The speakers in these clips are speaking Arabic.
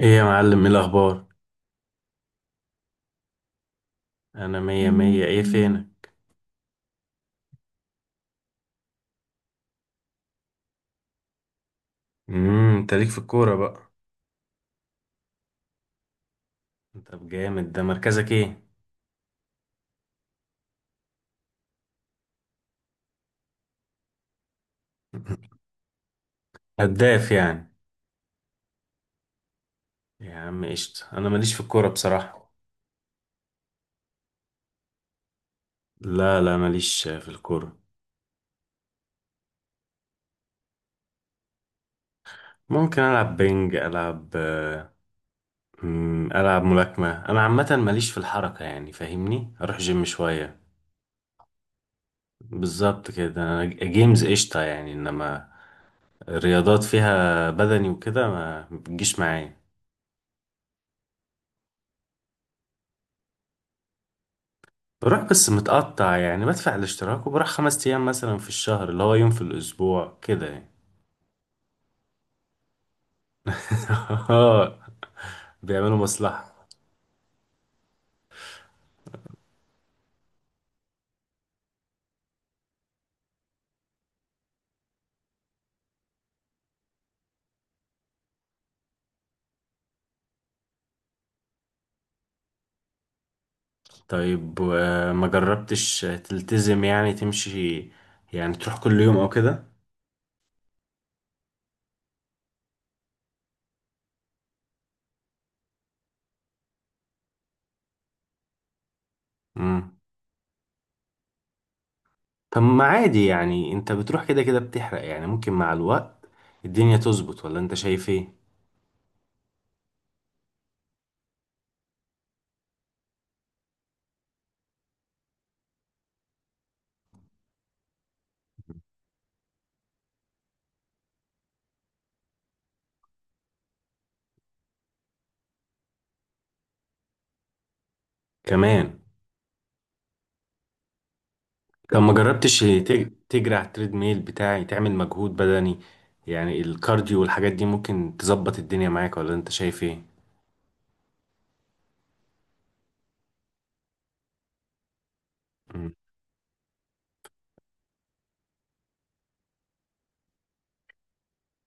ايه يا معلم، ايه الاخبار؟ انا مية مية. ايه فينك؟ انت ليك في الكورة بقى؟ طب جامد. ده مركزك ايه؟ هداف يعني؟ يا عم قشطة، انا ماليش في الكورة بصراحة. لا، لا، ماليش في الكورة. ممكن العب بينج، العب العب ملاكمة. انا عامة ماليش في الحركة يعني، فاهمني، اروح جيم شوية. بالظبط كده، أنا جيمز قشطة يعني، انما الرياضات فيها بدني وكده ما بتجيش معايا. بروح بس متقطع، يعني بدفع الاشتراك وبروح 5 أيام مثلا في الشهر، اللي هو يوم في الأسبوع كده يعني. اه، بيعملوا مصلحة. طيب، ما جربتش تلتزم، يعني تمشي، يعني تروح كل يوم أو كده؟ مم. طب ما عادي يعني، أنت بتروح كده كده بتحرق، يعني ممكن مع الوقت الدنيا تظبط، ولا أنت شايف إيه؟ كمان. طب ما جربتش تجري على التريد ميل بتاعي، تعمل مجهود بدني، يعني الكارديو والحاجات دي ممكن تظبط الدنيا معاك، ولا انت شايف ايه؟ مم.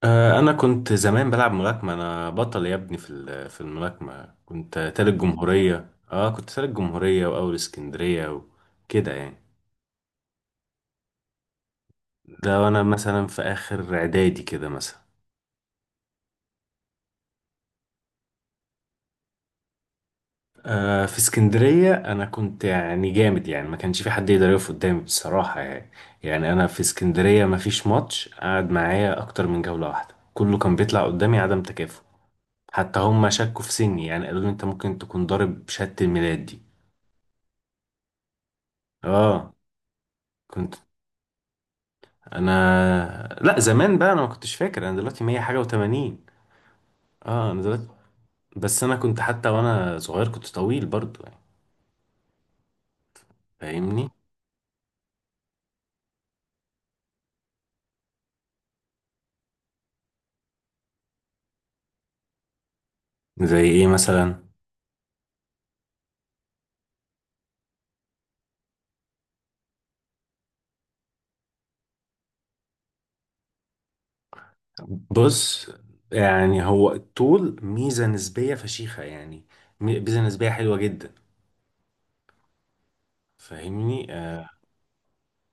آه، انا كنت زمان بلعب ملاكمة. انا بطل يا ابني في الملاكمة. كنت تالت جمهورية. اه كنت تالت جمهورية واول اسكندرية، وكده يعني. ده وانا مثلا في اخر اعدادي كده مثلا. في اسكندرية أنا كنت يعني جامد، يعني ما كانش في حد يقدر يقف قدامي بصراحة يعني. يعني أنا في اسكندرية ما فيش ماتش قعد معايا أكتر من جولة واحدة، كله كان بيطلع قدامي عدم تكافؤ. حتى هم شكوا في سني، يعني قالوا لي أنت ممكن تكون ضارب شهادة الميلاد دي. آه كنت. أنا، لا، زمان بقى أنا ما كنتش فاكر، أنا دلوقتي 100 حاجة و80. أنا دلوقتي بس أنا كنت حتى وأنا صغير كنت طويل برضو يعني، فاهمني. زي إيه مثلا؟ بص، يعني هو الطول ميزة نسبية فشيخة يعني، ميزة نسبية حلوة جدا، فاهمني.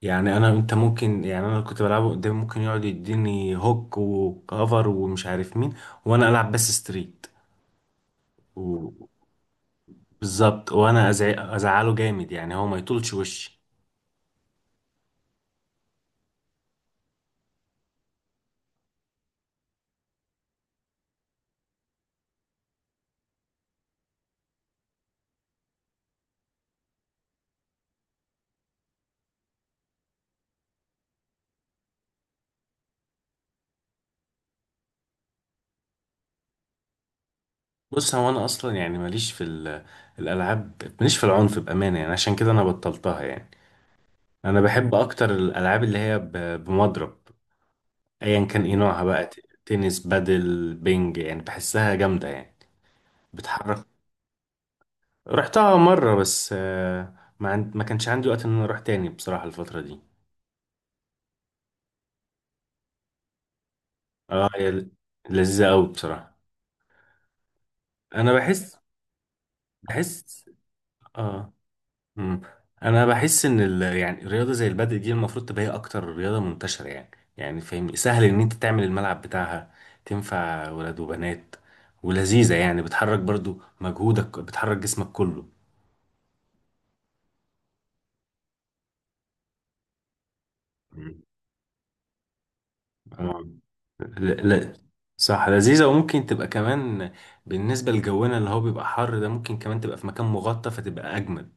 يعني انا، انت ممكن، يعني انا كنت بلعبه قدام، ممكن يقعد يديني هوك وكفر ومش عارف مين، وانا العب بس ستريت. و- بالظبط، وانا ازعله جامد يعني، هو ما يطولش وشي. بص، هو انا اصلا يعني ماليش في الالعاب، ماليش في العنف بامانه يعني، عشان كده انا بطلتها يعني. انا بحب اكتر الالعاب اللي هي بمضرب، ايا كان ايه نوعها بقى. تنس، بادل، بينج، يعني بحسها جامدة يعني، بتحرك. رحتها مرة بس. ما كانش عندي وقت ان انا اروح تاني بصراحة الفترة دي. اه، هي لذيذة قوي بصراحة. انا بحس. اه. مم. انا بحس ان يعني الرياضة زي البادل دي المفروض تبقى هي اكتر رياضة منتشرة يعني، يعني فاهم سهل ان انت تعمل الملعب بتاعها، تنفع ولاد وبنات، ولذيذة يعني، بتحرك برضو، مجهودك بتحرك جسمك كله. آه. لا، لا، صح، لذيذة. وممكن تبقى كمان بالنسبة لجونا اللي هو بيبقى حر ده، ممكن كمان تبقى في مكان مغطى فتبقى أجمل.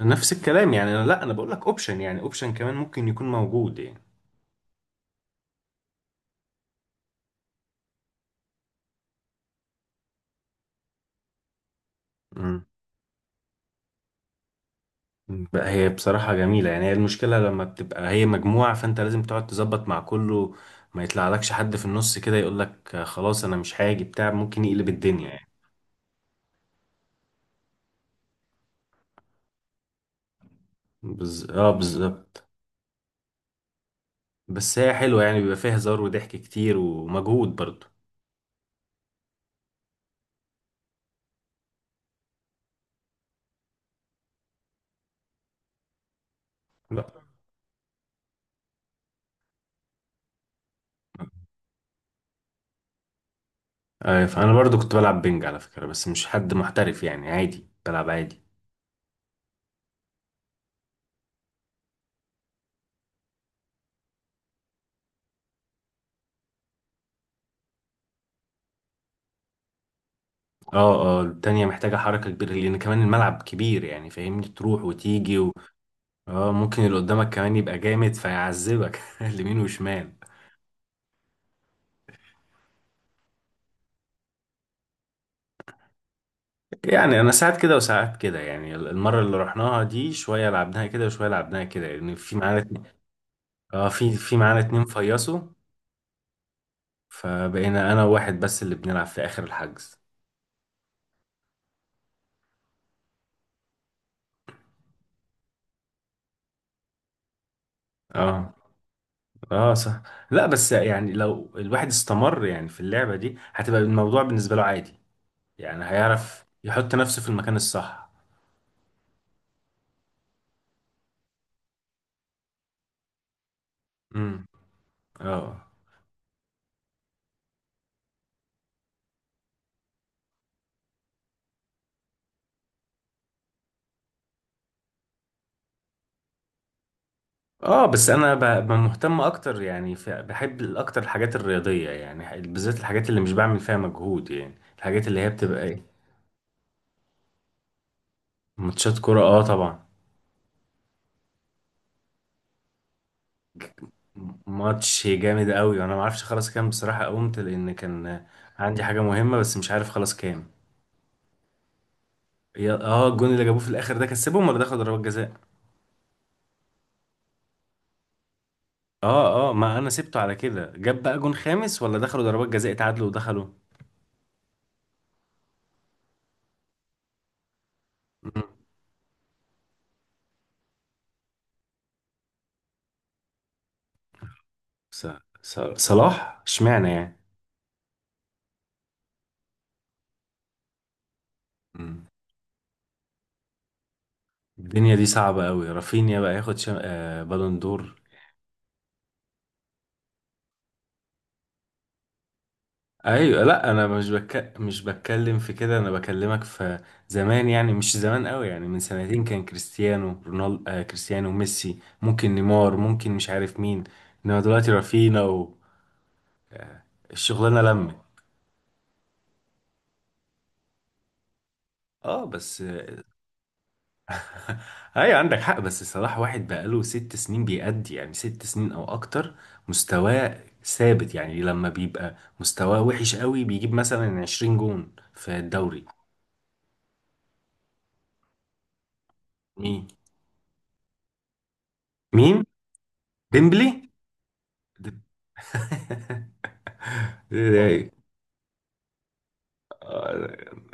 نفس الكلام يعني، أنا، لا، أنا بقول لك أوبشن يعني، أوبشن كمان ممكن يكون موجود يعني. مم. بقى هي بصراحة جميلة يعني، هي المشكلة لما بتبقى هي مجموعة، فأنت لازم تقعد تظبط مع كله، ما يطلعلكش حد في النص كده يقول لك خلاص أنا مش هاجي بتاع، ممكن يقلب الدنيا يعني. اه، بالظبط. بس هي حلوة يعني، بيبقى فيها هزار وضحك كتير ومجهود برضه. فانا برضو كنت بلعب بينج على فكرة، بس مش حد محترف يعني، عادي بلعب عادي. اه، اه، التانية محتاجة حركة كبيرة، لأن كمان الملعب كبير يعني، فاهمني، تروح وتيجي اه، ممكن اللي قدامك كمان يبقى جامد فيعذبك اليمين وشمال. يعني أنا ساعات كده وساعات كده، يعني المرة اللي رحناها دي شوية لعبناها كده وشوية لعبناها كده، لأن في معانا اه، في معانا 2 فيصوا، فبقينا أنا وواحد بس اللي بنلعب في آخر الحجز. اه، اه، صح. لا بس يعني، لو الواحد استمر يعني في اللعبة دي، هتبقى الموضوع بالنسبة له عادي، يعني هيعرف يحط نفسه في المكان الصح. امم اه، اه، بس انا مهتم اكتر يعني، بحب اكتر الحاجات الرياضية، يعني بالذات الحاجات اللي مش بعمل فيها مجهود يعني، الحاجات اللي هي بتبقى ايه. ماتشات كرة، اه طبعا. ماتش جامد قوي، وانا ما اعرفش خلاص كام بصراحة، قمت لان كان عندي حاجة مهمة، بس مش عارف خلاص كام. اه، الجون اللي جابوه في الاخر ده كسبهم، ولا ده خد ضربات جزاء؟ اه، اه، ما انا سبته على كده، جاب بقى جون خامس، ولا دخلوا ضربات جزاء اتعادلوا ودخلوا؟ مم. ص- صلاح اشمعنى يعني؟ مم. الدنيا دي صعبة قوي، رافينيا بقى ياخد شم... آه بالون دور. ايوه، لا، انا مش بتكلم في كده، انا بكلمك في زمان، يعني مش زمان قوي، يعني من سنتين كان كريستيانو رونالدو، كريستيانو ميسي، ممكن نيمار، ممكن مش عارف مين، انما دلوقتي رافينا والشغلانة لمت. اه بس. ايوه، عندك حق، بس الصراحة واحد بقاله 6 سنين بيأدي، يعني 6 سنين او اكتر مستواه ثابت، يعني لما بيبقى مستواه وحش قوي بيجيب مثلا 20 جون في الدوري. مين؟ مين؟ ديمبلي؟ ديم- إيه ده؟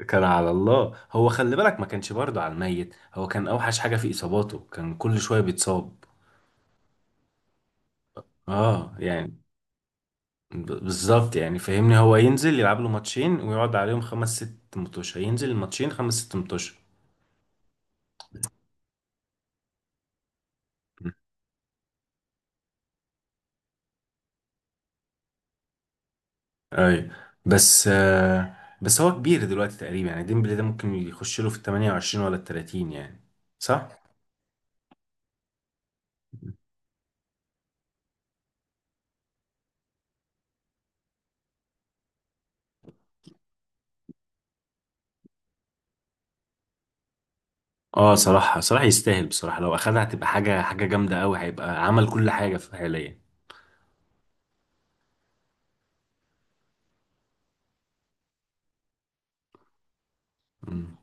كان على الله، هو خلي بالك ما كانش برضه على الميت، هو كان اوحش حاجة في اصاباته، كان كل شوية بيتصاب. اه يعني، بالظبط يعني، فاهمني هو ينزل يلعب له ماتشين ويقعد عليهم 5 6 متوشة، ينزل الماتشين 5 6 متوشة. اي، بس آه بس هو كبير دلوقتي تقريبا يعني، ديمبلي ده ممكن يخش له في ال 28 ولا ال 30 يعني، صح؟ اه، صراحة صراحة يستاهل بصراحة، لو اخدها هتبقى حاجة، حاجة جامدة قوي، هيبقى عمل كل حاجة في حاليا. مم.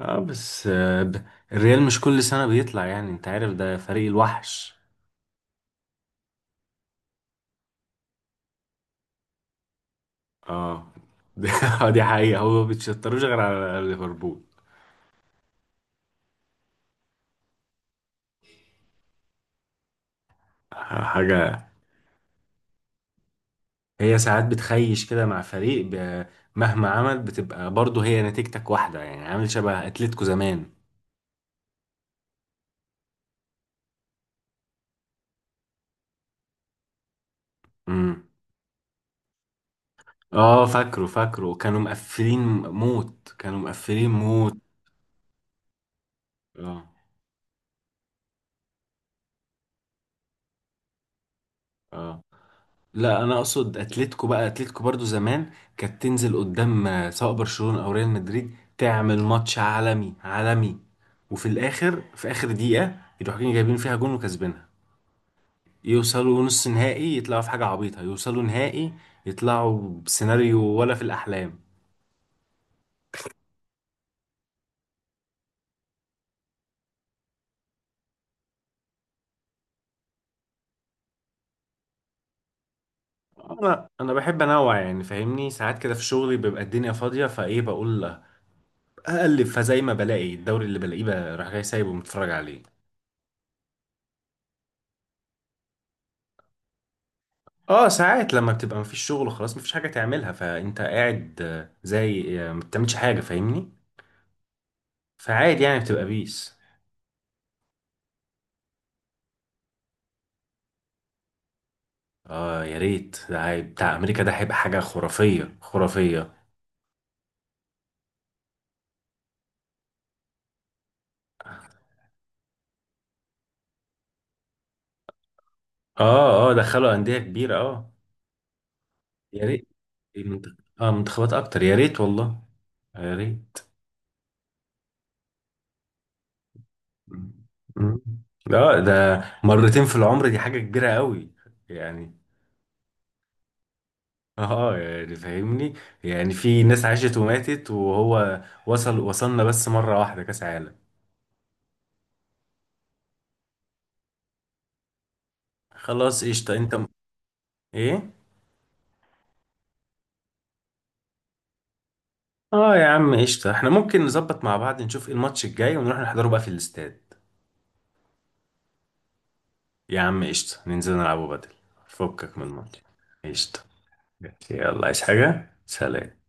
اه بس، الريال مش كل سنة بيطلع يعني، انت عارف ده فريق الوحش. اه دي دي حقيقة، هو ما بيتشطروش غير على ليفربول. حاجة. هي ساعات بتخيش كده مع فريق مهما عمل بتبقى برضه هي نتيجتك واحدة يعني، عامل شبه أتلتيكو زمان. امم اه، فاكره فاكره كانوا مقفلين موت، كانوا مقفلين موت. اه، اه، لا، انا اقصد اتلتيكو بقى، اتلتيكو برضه زمان كانت تنزل قدام سواء برشلونة او ريال مدريد، تعمل ماتش عالمي عالمي، وفي الاخر في اخر دقيقة يروحوا جايبين فيها جون وكسبينها، يوصلوا نص نهائي، يطلعوا في حاجة عبيطة يوصلوا نهائي، يطلعوا بسيناريو ولا في الأحلام. أنا بحب أنوع يعني، فاهمني، ساعات كده في شغلي بيبقى الدنيا فاضية، فإيه بقول لا، أقلب فزي ما بلاقي الدوري اللي بلاقيه بقى، راح جاي سايبه متفرج عليه. اه، ساعات لما بتبقى مفيش شغل خلاص، مفيش حاجة تعملها فأنت قاعد زي ما بتعملش حاجة، فاهمني، فعادي يعني بتبقى بيس. اه يا ريت، ده بتاع أمريكا ده هيبقى حاجة خرافية، خرافية. اه، اه، دخلوا أندية كبيرة، اه. يا ريت، منتخبات اكتر، يا ريت والله، يا ريت. مم. اه، ده مرتين في العمر، دي حاجة كبيرة قوي يعني اه يعني فاهمني، يعني في ناس عاشت وماتت، وهو وصلنا بس مرة واحدة كاس عالم. خلاص قشطة، انت. ايه؟ اه يا عم قشطة، احنا ممكن نظبط مع بعض، نشوف ايه الماتش الجاي ونروح نحضره بقى في الاستاد. يا عم قشطة، ننزل نلعبه بدل، فكك من الماتش. قشطة. يلا، عايز حاجة؟ سلام.